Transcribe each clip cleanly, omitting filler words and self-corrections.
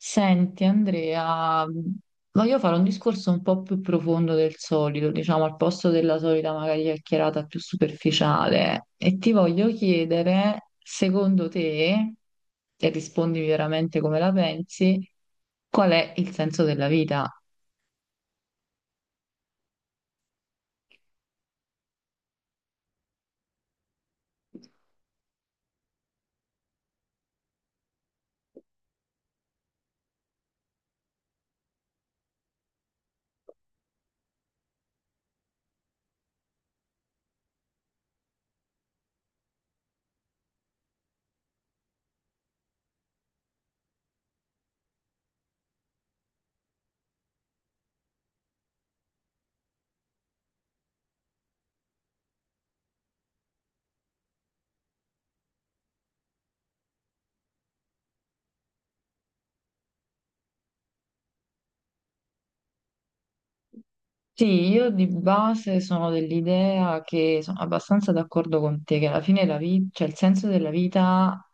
Senti Andrea, voglio fare un discorso un po' più profondo del solito, diciamo al posto della solita magari chiacchierata più superficiale e ti voglio chiedere, secondo te, e rispondimi veramente come la pensi, qual è il senso della vita? Sì, io di base sono dell'idea che sono abbastanza d'accordo con te, che alla fine la vita, cioè il senso della vita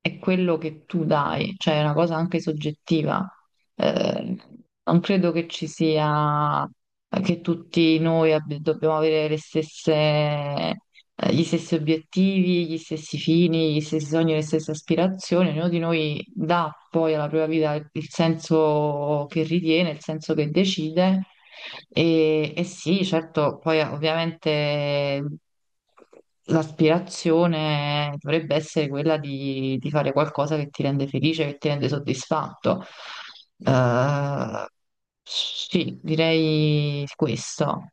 è quello che tu dai, cioè è una cosa anche soggettiva. Eh, Non credo che ci sia che tutti noi dobbiamo avere le stesse, gli stessi obiettivi, gli stessi fini, gli stessi sogni, le stesse aspirazioni. Ognuno di noi dà poi alla propria vita il senso che ritiene, il senso che decide. E sì, certo, poi ovviamente. L'aspirazione dovrebbe essere quella di fare qualcosa che ti rende felice, che ti rende soddisfatto. Eh, sì, direi questo.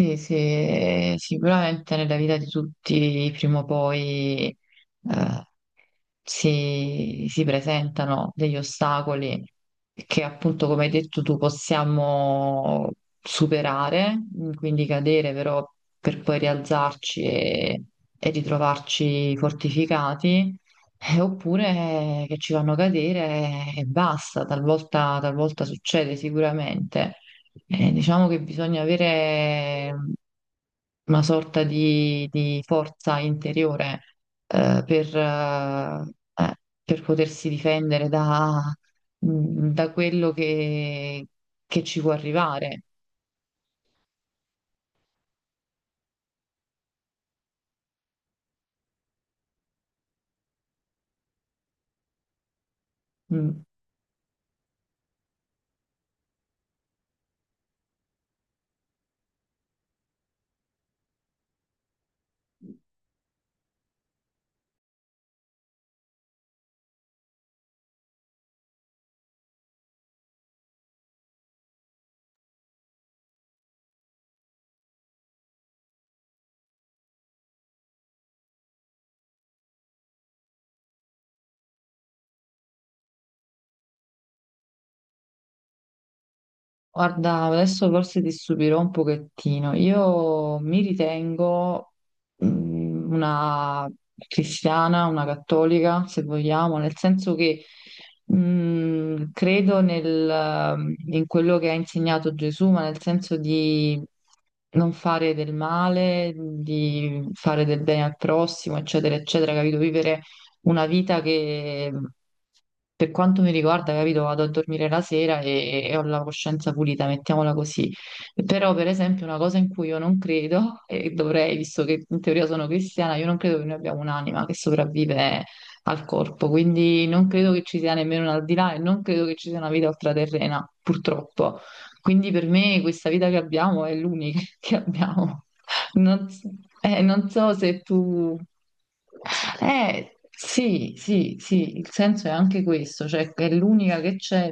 Sì, sì, sicuramente nella vita di tutti prima o poi eh, si presentano degli ostacoli che appunto, come hai detto tu, possiamo superare, quindi cadere però per poi rialzarci e ritrovarci fortificati, oppure che ci fanno cadere e basta, talvolta succede sicuramente. Diciamo che bisogna avere una sorta di forza interiore eh, per, eh, eh, per potersi difendere da quello che ci può arrivare. Mm. Guarda, adesso forse ti stupirò un pochettino. Io mi ritengo una cristiana, una cattolica, se vogliamo, nel senso che credo in quello che ha insegnato Gesù, ma nel senso di non fare del male, di fare del bene al prossimo, eccetera, eccetera, capito? Vivere una vita che per quanto mi riguarda, capito, vado a dormire la sera e ho la coscienza pulita, mettiamola così. Però, per esempio, una cosa in cui io non credo, e dovrei, visto che in teoria sono cristiana, io non credo che noi abbiamo un'anima che sopravvive al corpo, quindi non credo che ci sia nemmeno un al di là e non credo che ci sia una vita ultraterrena, purtroppo. Quindi per me questa vita che abbiamo è l'unica che abbiamo. Non, s- Non so se tu... sì, sì, sì, il senso è anche questo, cioè che è l'unica che c'è,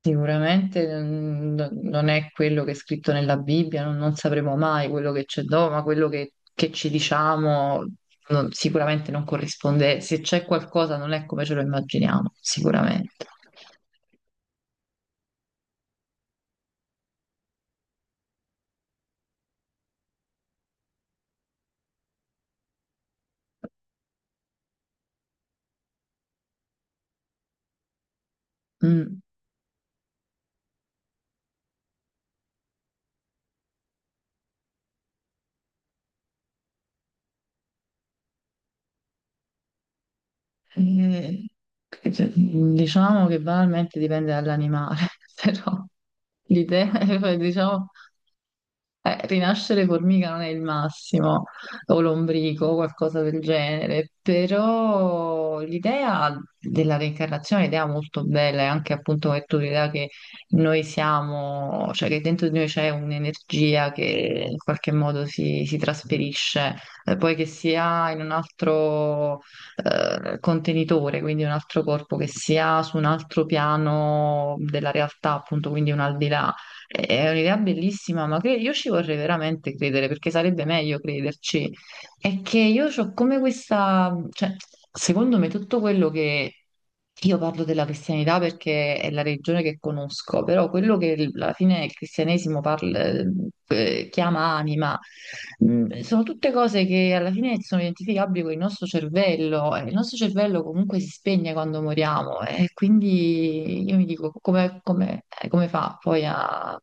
sicuramente non è quello che è scritto nella Bibbia, non sapremo mai quello che c'è dopo, ma quello che ci diciamo sicuramente non corrisponde, se c'è qualcosa non è come ce lo immaginiamo, sicuramente. Mm. Eh, cioè, diciamo che banalmente dipende dall'animale, però l'idea, diciamo. Rinascere formica non è il massimo, o lombrico, o qualcosa del genere, però l'idea della reincarnazione è un'idea molto bella, e anche appunto è tu l'idea che noi siamo, cioè che dentro di noi c'è un'energia che in qualche modo si trasferisce, poi che sia in un altro contenitore, quindi un altro corpo, che sia su un altro piano della realtà, appunto, quindi un al di là è un'idea bellissima, ma io ci vorrei veramente credere perché sarebbe meglio crederci. È che io ho come questa, cioè, secondo me tutto quello che io parlo della cristianità perché è la religione che conosco, però quello che alla fine il cristianesimo parla, chiama anima, sono tutte cose che alla fine sono identificabili con il nostro cervello. E il nostro cervello comunque si spegne quando moriamo, e quindi io mi dico come fa poi a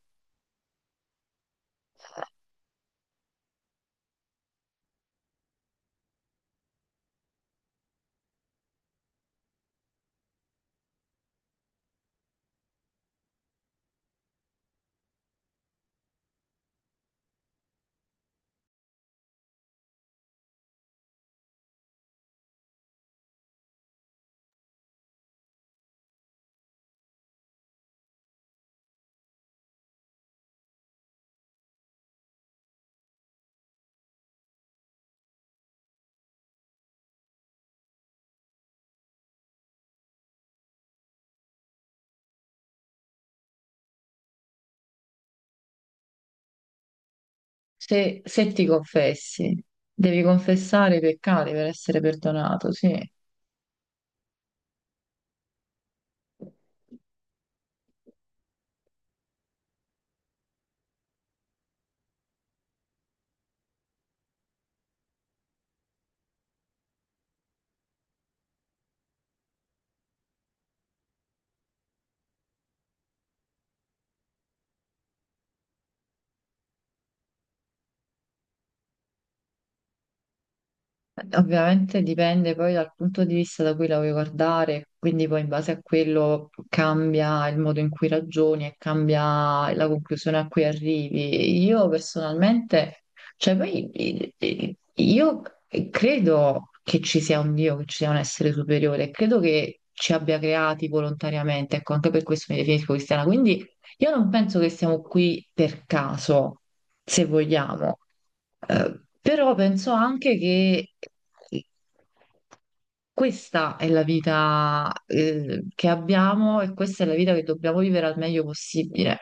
Se ti confessi, devi confessare i peccati per essere perdonato, sì. Ovviamente dipende poi dal punto di vista da cui la vuoi guardare, quindi poi in base a quello cambia il modo in cui ragioni e cambia la conclusione a cui arrivi. Io personalmente, cioè poi io credo che ci sia un Dio, che ci sia un essere superiore, credo che ci abbia creati volontariamente, ecco, anche per questo mi definisco cristiana, quindi io non penso che siamo qui per caso, se vogliamo. Però penso anche che questa è la vita, che abbiamo e questa è la vita che dobbiamo vivere al meglio possibile.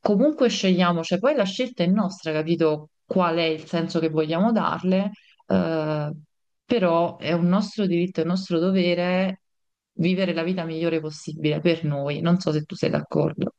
Comunque scegliamo, cioè poi la scelta è nostra, capito qual è il senso che vogliamo darle, eh, però è un nostro diritto, è un nostro dovere vivere la vita migliore possibile per noi. Non so se tu sei d'accordo.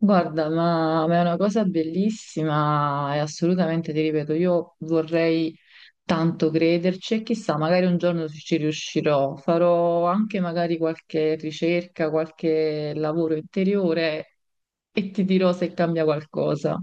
Guarda, ma è una cosa bellissima e assolutamente ti ripeto, io vorrei tanto crederci e chissà, magari un giorno ci riuscirò. Farò anche magari qualche ricerca, qualche lavoro interiore e ti dirò se cambia qualcosa.